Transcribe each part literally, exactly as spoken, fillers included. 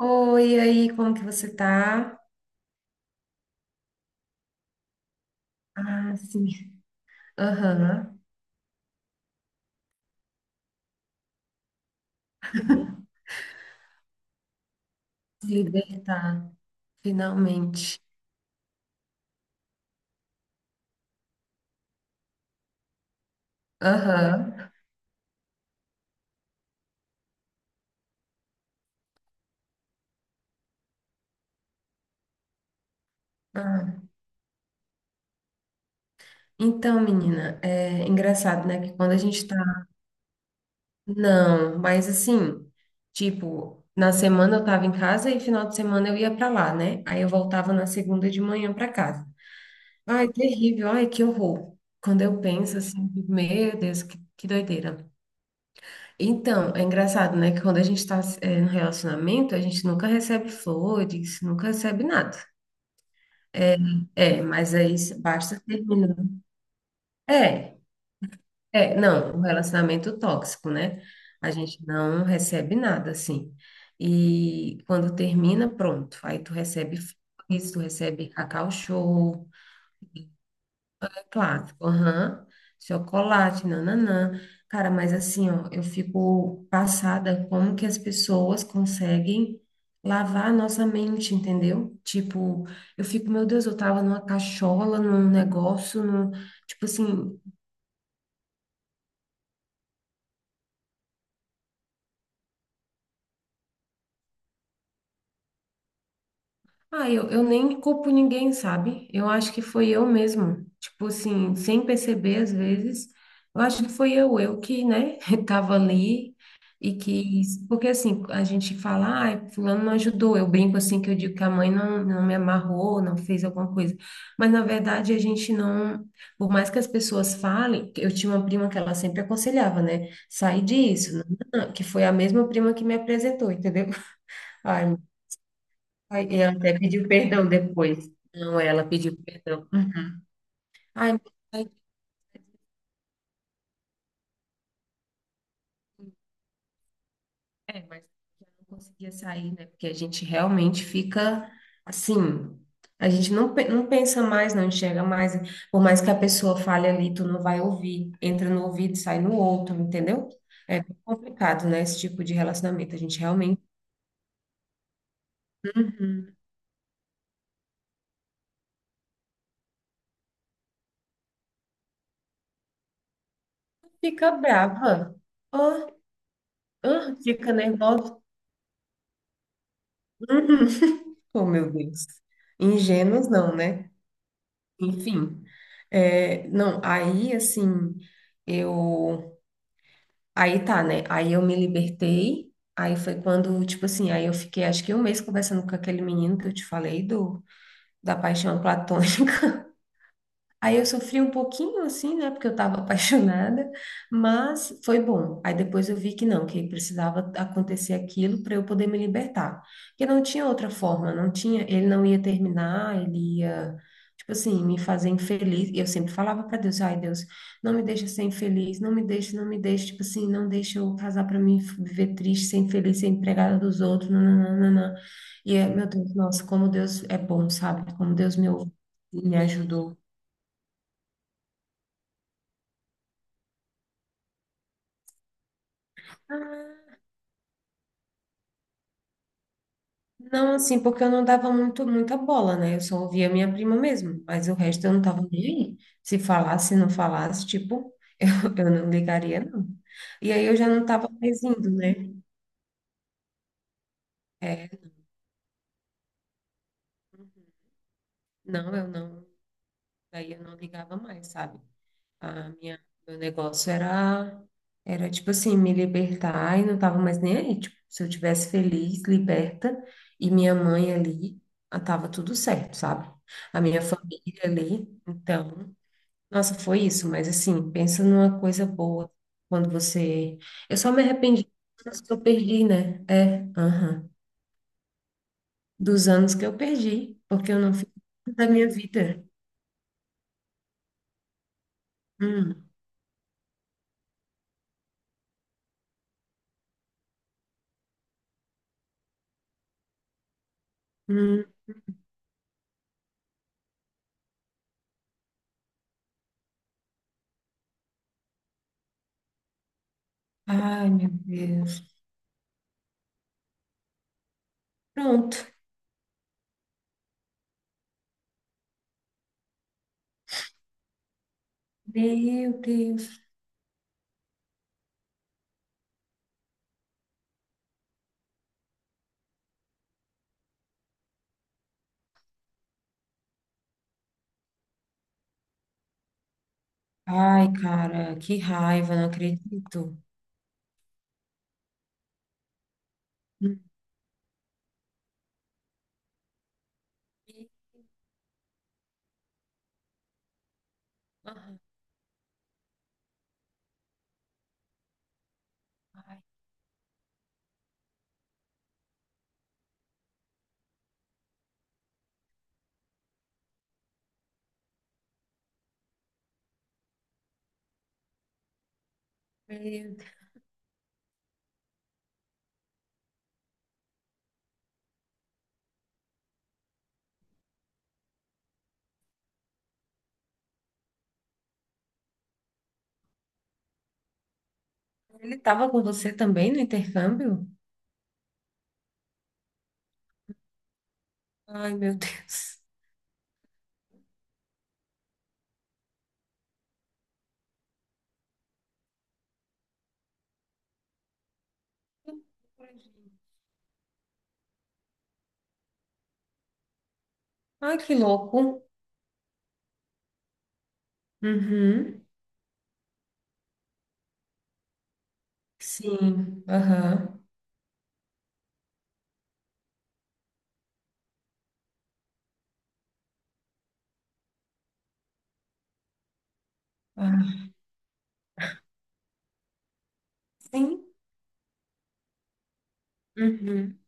Oi, e aí, como que você tá? Ah, sim. Aham. Se libertar, finalmente. Aham. Ah. Então, menina, é engraçado, né? Que quando a gente tá. Não, mas assim, tipo, na semana eu tava em casa e final de semana eu ia pra lá, né? Aí eu voltava na segunda de manhã pra casa. Ai, terrível, ai, que horror. Quando eu penso assim, meu Deus, que, que doideira. Então, é engraçado, né? Que quando a gente está no relacionamento, a gente nunca recebe flores, nunca recebe nada. É, mas aí basta terminar. É, é, não, um relacionamento tóxico, né? A gente não recebe nada, assim. E quando termina, pronto. Aí tu recebe flores, tu recebe cacau show. Clássico, aham. Chocolate, nananã. Cara, mas assim, ó, eu fico passada como que as pessoas conseguem lavar a nossa mente, entendeu? Tipo, eu fico, meu Deus, eu tava numa cachola, num negócio, num, tipo assim. Ah, eu, eu nem culpo ninguém, sabe? Eu acho que foi eu mesmo. Tipo assim, sem perceber às vezes, eu acho que foi eu, eu que, né, tava ali e que. Porque assim, a gente fala, ah, fulano não ajudou. Eu brinco assim que eu digo que a mãe não, não me amarrou, não fez alguma coisa. Mas na verdade a gente não. Por mais que as pessoas falem, eu tinha uma prima que ela sempre aconselhava, né? Sai disso, não, não, não", que foi a mesma prima que me apresentou, entendeu? Ai, ai, e ela até pediu perdão depois. Não, ela pediu perdão. Uhum. Ai, mas aí- é, mas eu não conseguia sair, né? Porque a gente realmente fica assim. A gente não, pe- não pensa mais, não enxerga mais. Por mais que a pessoa fale ali, tu não vai ouvir. Entra no ouvido, sai no outro, entendeu? É bem complicado, né? Esse tipo de relacionamento. A gente realmente fica brava. Ah, ah, fica nervosa. Uhum. Oh, meu Deus. Ingênuos não, né? Enfim, é, não, aí assim, eu, aí tá, né, aí eu me libertei, aí foi quando, tipo assim, aí eu fiquei acho que um mês conversando com aquele menino que eu te falei do, da paixão platônica. Aí eu sofri um pouquinho assim, né, porque eu estava apaixonada, mas foi bom. Aí depois eu vi que não, que precisava acontecer aquilo para eu poder me libertar. Porque não tinha outra forma, não tinha, ele não ia terminar, ele ia, tipo assim, me fazer infeliz. E eu sempre falava para Deus, ai Deus, não me deixa ser infeliz, não me deixa, não me deixa, tipo assim, não deixa eu casar para mim viver triste, ser infeliz, ser empregada dos outros, nananana. E é, meu Deus, nossa, como Deus é bom, sabe? Como Deus me ouve e me ajudou. Não, assim, porque eu não dava muito, muita bola, né? Eu só ouvia minha prima mesmo, mas o resto eu não tava nem aí. Se falasse, não falasse, tipo, eu, eu não ligaria, não. E aí eu já não tava mais indo, né? É, não, eu não, daí eu não ligava mais, sabe? A minha, meu negócio era, era tipo assim, me libertar e não tava mais nem aí. Tipo, se eu tivesse feliz, liberta, e minha mãe ali, ah, tava tudo certo, sabe? A minha família ali, então. Nossa, foi isso, mas assim, pensa numa coisa boa quando você. Eu só me arrependi dos anos que eu perdi, né? É, aham. Dos anos que eu perdi, porque eu não fiz nada da minha vida. Hum, hum. Ai, meu Deus. Pronto. Meu Deus. Ai, cara, que raiva, não acredito. Hum, aham. Ai, meu Deus. Ele estava com você também no intercâmbio? Ai, meu Deus. Ai, que louco. Uhum. Sim, aham. Ah, sim. Uhum.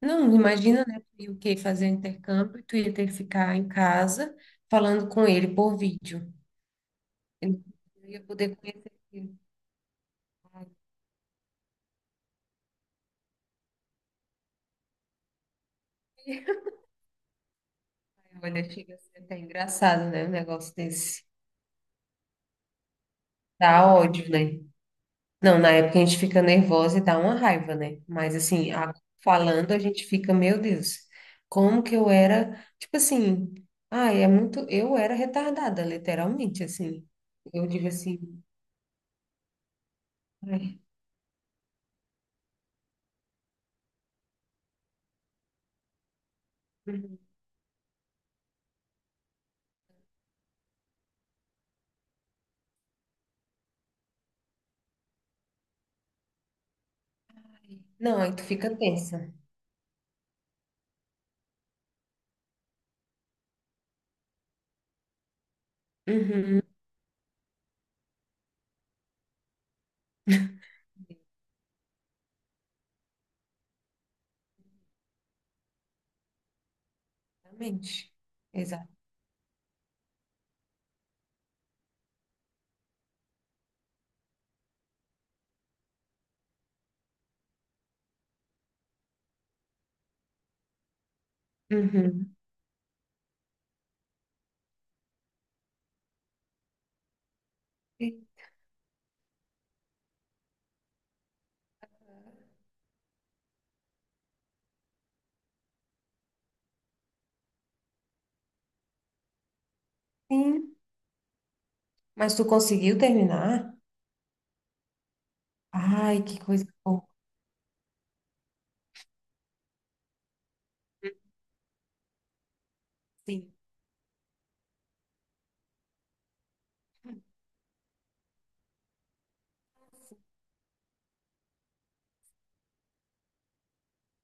Não, imagina, né? Tu ia o que fazer o intercâmbio, tu ia ter que ficar em casa falando com ele por vídeo. Ele não ia poder conhecer ele. Ai, olha, chega a ser até engraçado, né? Um negócio desse. Dá ódio, né? Não, na época a gente fica nervosa e dá uma raiva, né? Mas assim, a- falando a gente fica, meu Deus, como que eu era, tipo assim, ai, é muito, eu era retardada, literalmente, assim. Eu digo assim, ai, uhum, não, aí tu fica tensa. Uhum, exatamente. Exato. Uhum. E- sim, mas tu conseguiu terminar? Ai, que coisa boa.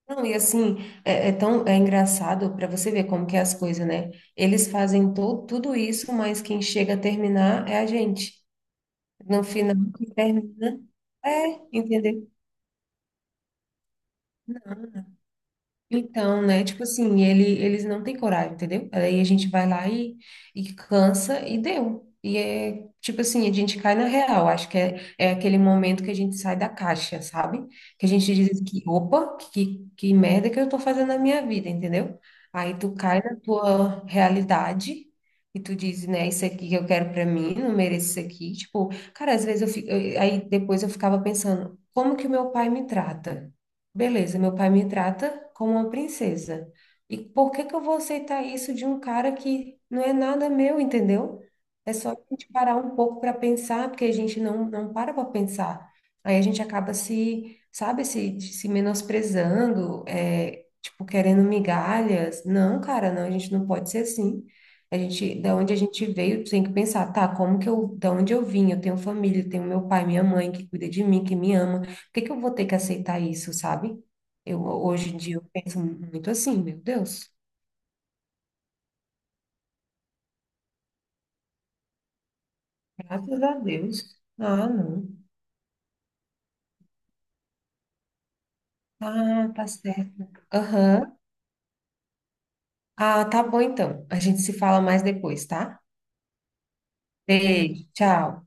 Não, e assim, é, é tão é engraçado para você ver como que é as coisas, né? Eles fazem to, tudo isso, mas quem chega a terminar é a gente. No final, quem termina é, entendeu? Então, né? Tipo assim, ele, eles não têm coragem, entendeu? Aí a gente vai lá e, e cansa e deu. E é tipo assim, a gente cai na real. Acho que é, é aquele momento que a gente sai da caixa, sabe? Que a gente diz assim que, opa, que, que merda que eu tô fazendo na minha vida, entendeu? Aí tu cai na tua realidade e tu diz, né, isso aqui que eu quero pra mim, não mereço isso aqui. Tipo, cara, às vezes eu fico, eu- aí depois eu ficava pensando, como que o meu pai me trata? Beleza, meu pai me trata como uma princesa. E por que que eu vou aceitar isso de um cara que não é nada meu, entendeu? É só a gente parar um pouco para pensar, porque a gente não, não para para pensar. Aí a gente acaba se, sabe, se, se menosprezando, é, tipo, querendo migalhas. Não, cara, não, a gente não pode ser assim. A gente, da onde a gente veio, tem que pensar, tá, como que eu, da onde eu vim? Eu tenho família, eu tenho meu pai, minha mãe que cuida de mim, que me ama que que eu vou ter que aceitar isso, sabe? Eu, hoje em dia, eu penso muito assim, meu Deus, graças a Deus. Ah, não. Ah, tá certo. Aham. Ah, tá bom então. A gente se fala mais depois, tá? Beijo, tchau.